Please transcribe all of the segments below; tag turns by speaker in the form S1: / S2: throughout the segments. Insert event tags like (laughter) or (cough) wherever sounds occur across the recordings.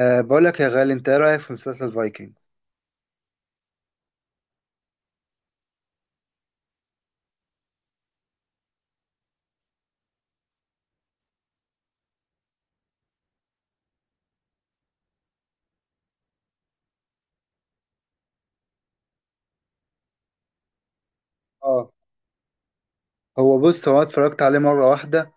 S1: بقول لك يا غالي، انت ايه رايك في مسلسل فايكنجز؟ اه هو أنا اتفرجت عليه مره واحده.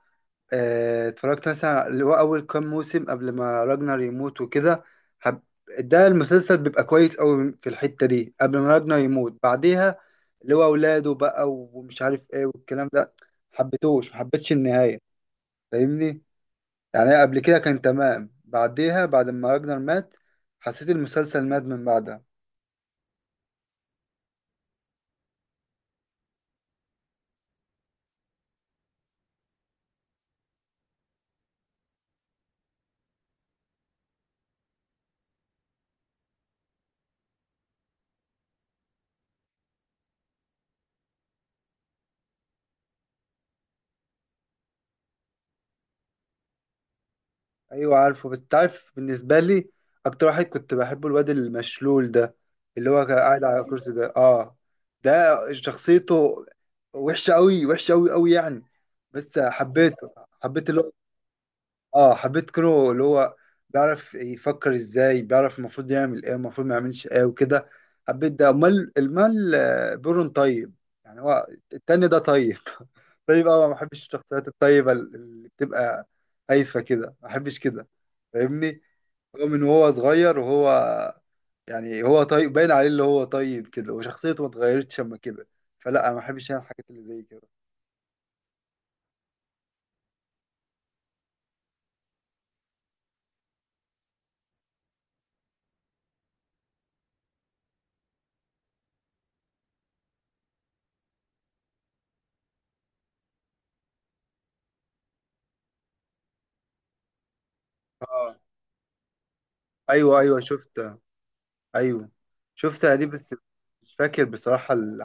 S1: اتفرجت مثلا اللي هو اول كام موسم قبل ما راجنر يموت وكده. حب... ده المسلسل بيبقى كويس قوي في الحته دي قبل ما راجنر يموت، بعديها اللي هو اولاده بقى ومش عارف ايه والكلام ده حبيتوش، ما حبيتش النهايه، فاهمني؟ يعني قبل كده كان تمام، بعديها بعد ما راجنر مات حسيت المسلسل مات من بعدها. ايوه عارفه، بس تعرف بالنسبه لي اكتر واحد كنت بحبه الواد المشلول ده، اللي هو كان قاعد على الكرسي ده. اه، ده شخصيته وحشه قوي، وحشه قوي قوي يعني، بس حبيته. حبيت اللي هو، اه حبيت كونو اللي هو بيعرف يفكر ازاي، بيعرف المفروض يعمل ايه المفروض ما يعملش ايه وكده. حبيت ده. امال المال بيرون طيب، يعني هو التاني ده طيب. (laughs) طيب اه، ما بحبش الشخصيات الطيبة اللي بتبقى هايفة كده، ما بحبش كده، فاهمني؟ هو من وهو صغير وهو، يعني هو طيب باين عليه اللي هو طيب كده، وشخصيته ما اتغيرتش لما كبر، فلا ما بحبش انا الحاجات اللي زي كده. اه. ايوه ايوه شفت، ايوه شفتها دي. بس مش فاكر بصراحة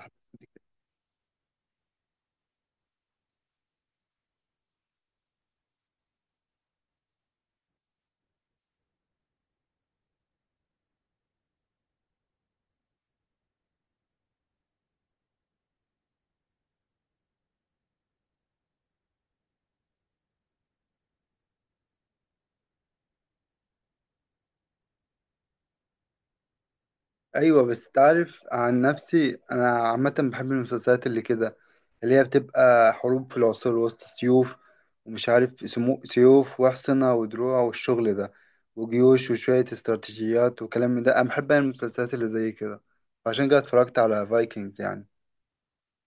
S1: ايوه، بس تعرف عن نفسي انا عامة بحب المسلسلات اللي كده، اللي هي بتبقى حروب في العصور الوسطى، سيوف ومش عارف سيوف واحصنة ودروع والشغل ده وجيوش وشوية استراتيجيات وكلام من ده. انا بحب أنا المسلسلات اللي زي كده، عشان كده اتفرجت على فايكنجز يعني.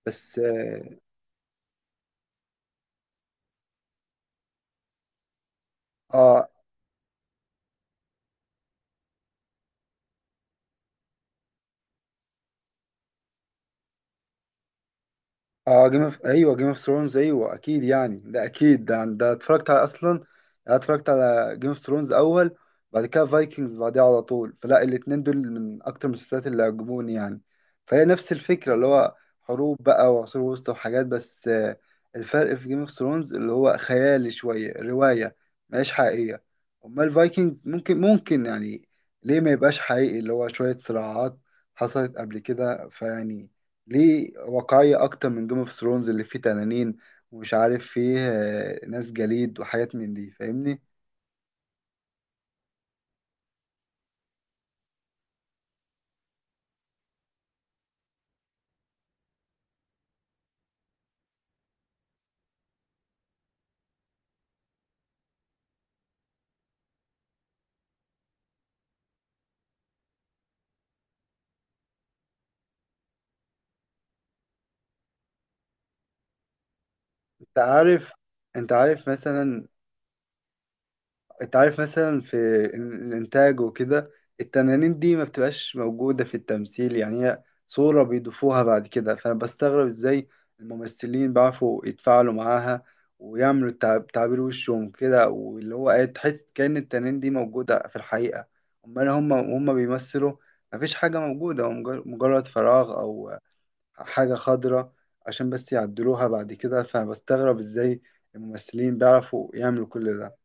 S1: بس اه، اه جيم اوف، ايوه جيم اوف ثرونز ايوه اكيد يعني ده اكيد ده اتفرجت على اصلا يعني. انا اتفرجت على جيم اوف ثرونز اول، بعد كده فايكنجز بعديها على طول، فلا الاتنين دول من اكتر المسلسلات اللي عجبوني يعني. فهي نفس الفكره، اللي هو حروب بقى وعصور وسطى وحاجات، بس الفرق في جيم اوف ثرونز اللي هو خيالي شويه، روايه مش حقيقيه. امال الفايكنجز ممكن، ممكن يعني ليه ما يبقاش حقيقي، اللي هو شويه صراعات حصلت قبل كده فيعني ليه واقعية أكتر من جيم اوف ثرونز اللي فيه تنانين ومش عارف فيه ناس جليد وحاجات من دي، فاهمني؟ أنت عارف، أنت عارف مثلا، انت عارف مثلا في الانتاج وكده التنانين دي ما بتبقاش موجودة في التمثيل، يعني هي صورة بيضيفوها بعد كده، فانا بستغرب ازاي الممثلين بيعرفوا يتفاعلوا معاها ويعملوا تعبير وشهم كده، واللي هو ايه تحس كأن التنانين دي موجودة في الحقيقة. امال هم بيمثلوا مفيش حاجة موجودة، هو مجرد فراغ او حاجة خضراء عشان بس يعدلوها بعد كده، فبستغرب ازاي الممثلين بيعرفوا يعملوا كل ده.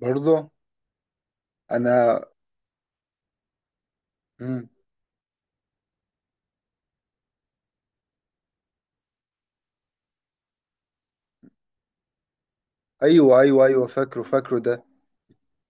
S1: برضه انا. مم. ايوه ايوه ايوه، فاكره فاكره ده.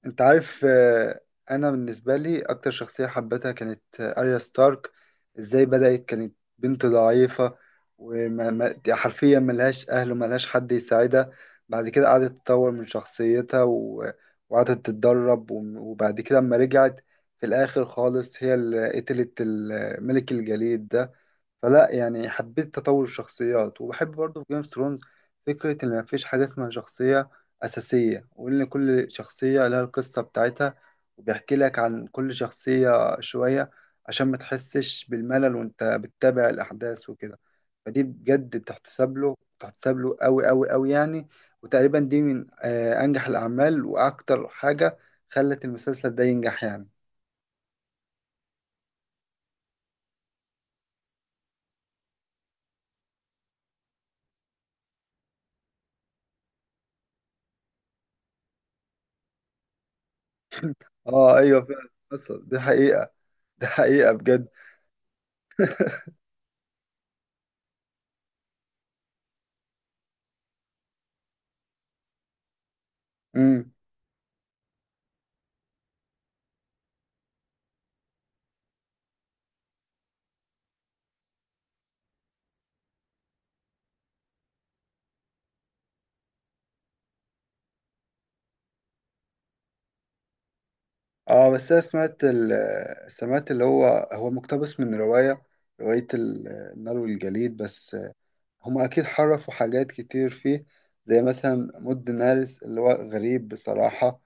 S1: انت عارف، انا بالنسبه لي اكتر شخصيه حبيتها كانت اريا ستارك. ازاي بدات كانت بنت ضعيفه، وما ما- دي حرفيا ملهاش اهل وملهاش حد يساعدها، بعد كده قعدت تطور من شخصيتها وقعدت تتدرب وبعد كده اما رجعت في الاخر خالص هي اللي قتلت ملك الجليد ده. فلا يعني حبيت تطور الشخصيات، وبحب برضه في جيم اوف ثرونز فكرة إن مفيش حاجة اسمها شخصية أساسية، وإن كل شخصية لها القصة بتاعتها، وبيحكي لك عن كل شخصية شوية عشان ما تحسش بالملل وأنت بتتابع الأحداث وكده. فدي بجد بتحتسب له، بتحتسب له أوي أوي أوي يعني. وتقريبا دي من أنجح الأعمال وأكتر حاجة خلت المسلسل ده ينجح يعني. آه أيوه فعلا حصل، دي حقيقة، دي حقيقة بجد. مم. اه بس انا سمعت سمعت اللي هو هو مقتبس من رواية، رواية النار والجليد، بس هم أكيد حرفوا حاجات كتير فيه. زي مثلا مود نارس اللي هو غريب بصراحة،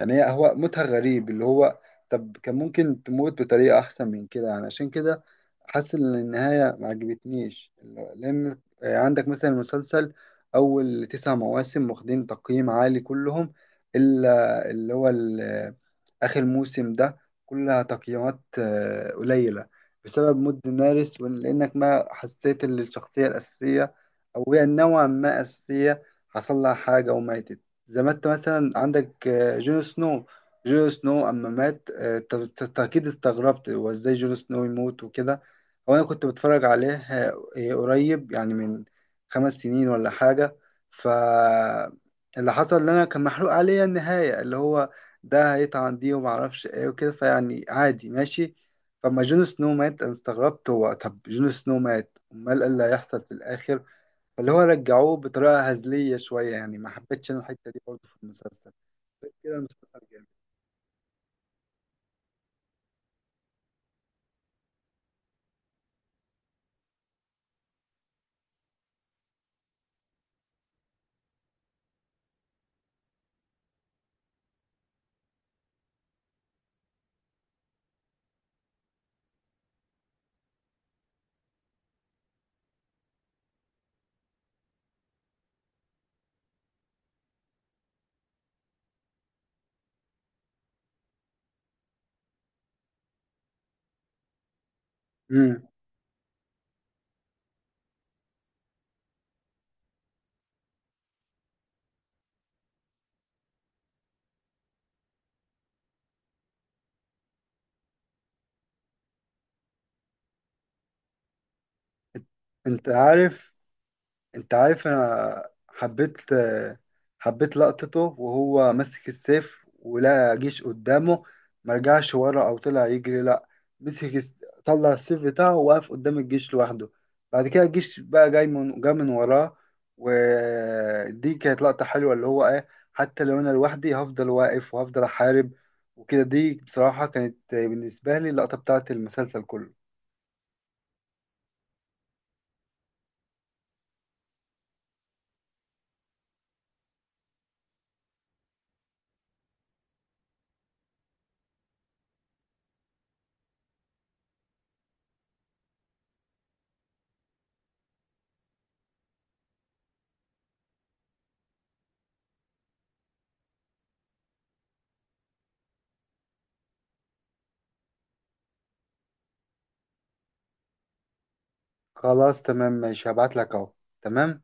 S1: يعني هو موتها غريب اللي هو، طب كان ممكن تموت بطريقة أحسن من كده يعني، عشان كده حاسس إن النهاية ما عجبتنيش. لأن عندك مثلا المسلسل أول 9 مواسم واخدين تقييم عالي كلهم، إلا اللي هو آخر موسم ده كلها تقييمات قليلة، بسبب مود نارس، ولأنك ما حسيت إن الشخصية الأساسية، أو هي نوعا ما أساسية، حصل لها حاجة وماتت. زي ما أنت مثلا عندك جون سنو، جون سنو أما مات أنت أنت أكيد استغربت هو إزاي جون سنو يموت وكده. هو أنا كنت بتفرج عليه قريب يعني من 5 سنين ولا حاجة. ف اللي حصل اللي أنا كان محروق عليا النهاية اللي هو ده هيطعن دي ومعرفش إيه وكده فيعني عادي ماشي. فلما جون سنو مات انا استغربت، هو طب جون سنو مات امال ايه اللي هيحصل في الاخر؟ فاللي هو رجعوه بطريقه هزليه شويه، يعني ما حبيتش انا الحته دي برضه في المسلسل، غير كده المسلسل جامد. امم. انت عارف، انت عارف انا حبيت، حبيت لقطته وهو ماسك السيف ولقى جيش قدامه، ما رجعش ورا او طلع يجري، لا مسك طلع السيف بتاعه ووقف قدام الجيش لوحده، بعد كده الجيش بقى جاي من وراه. ودي كانت لقطة حلوة، اللي هو ايه حتى لو انا لوحدي هفضل واقف وهفضل احارب وكده. دي بصراحة كانت بالنسبة لي اللقطة بتاعت المسلسل كله. خلاص تمام ماشي، هبعت لك اهو، تمام.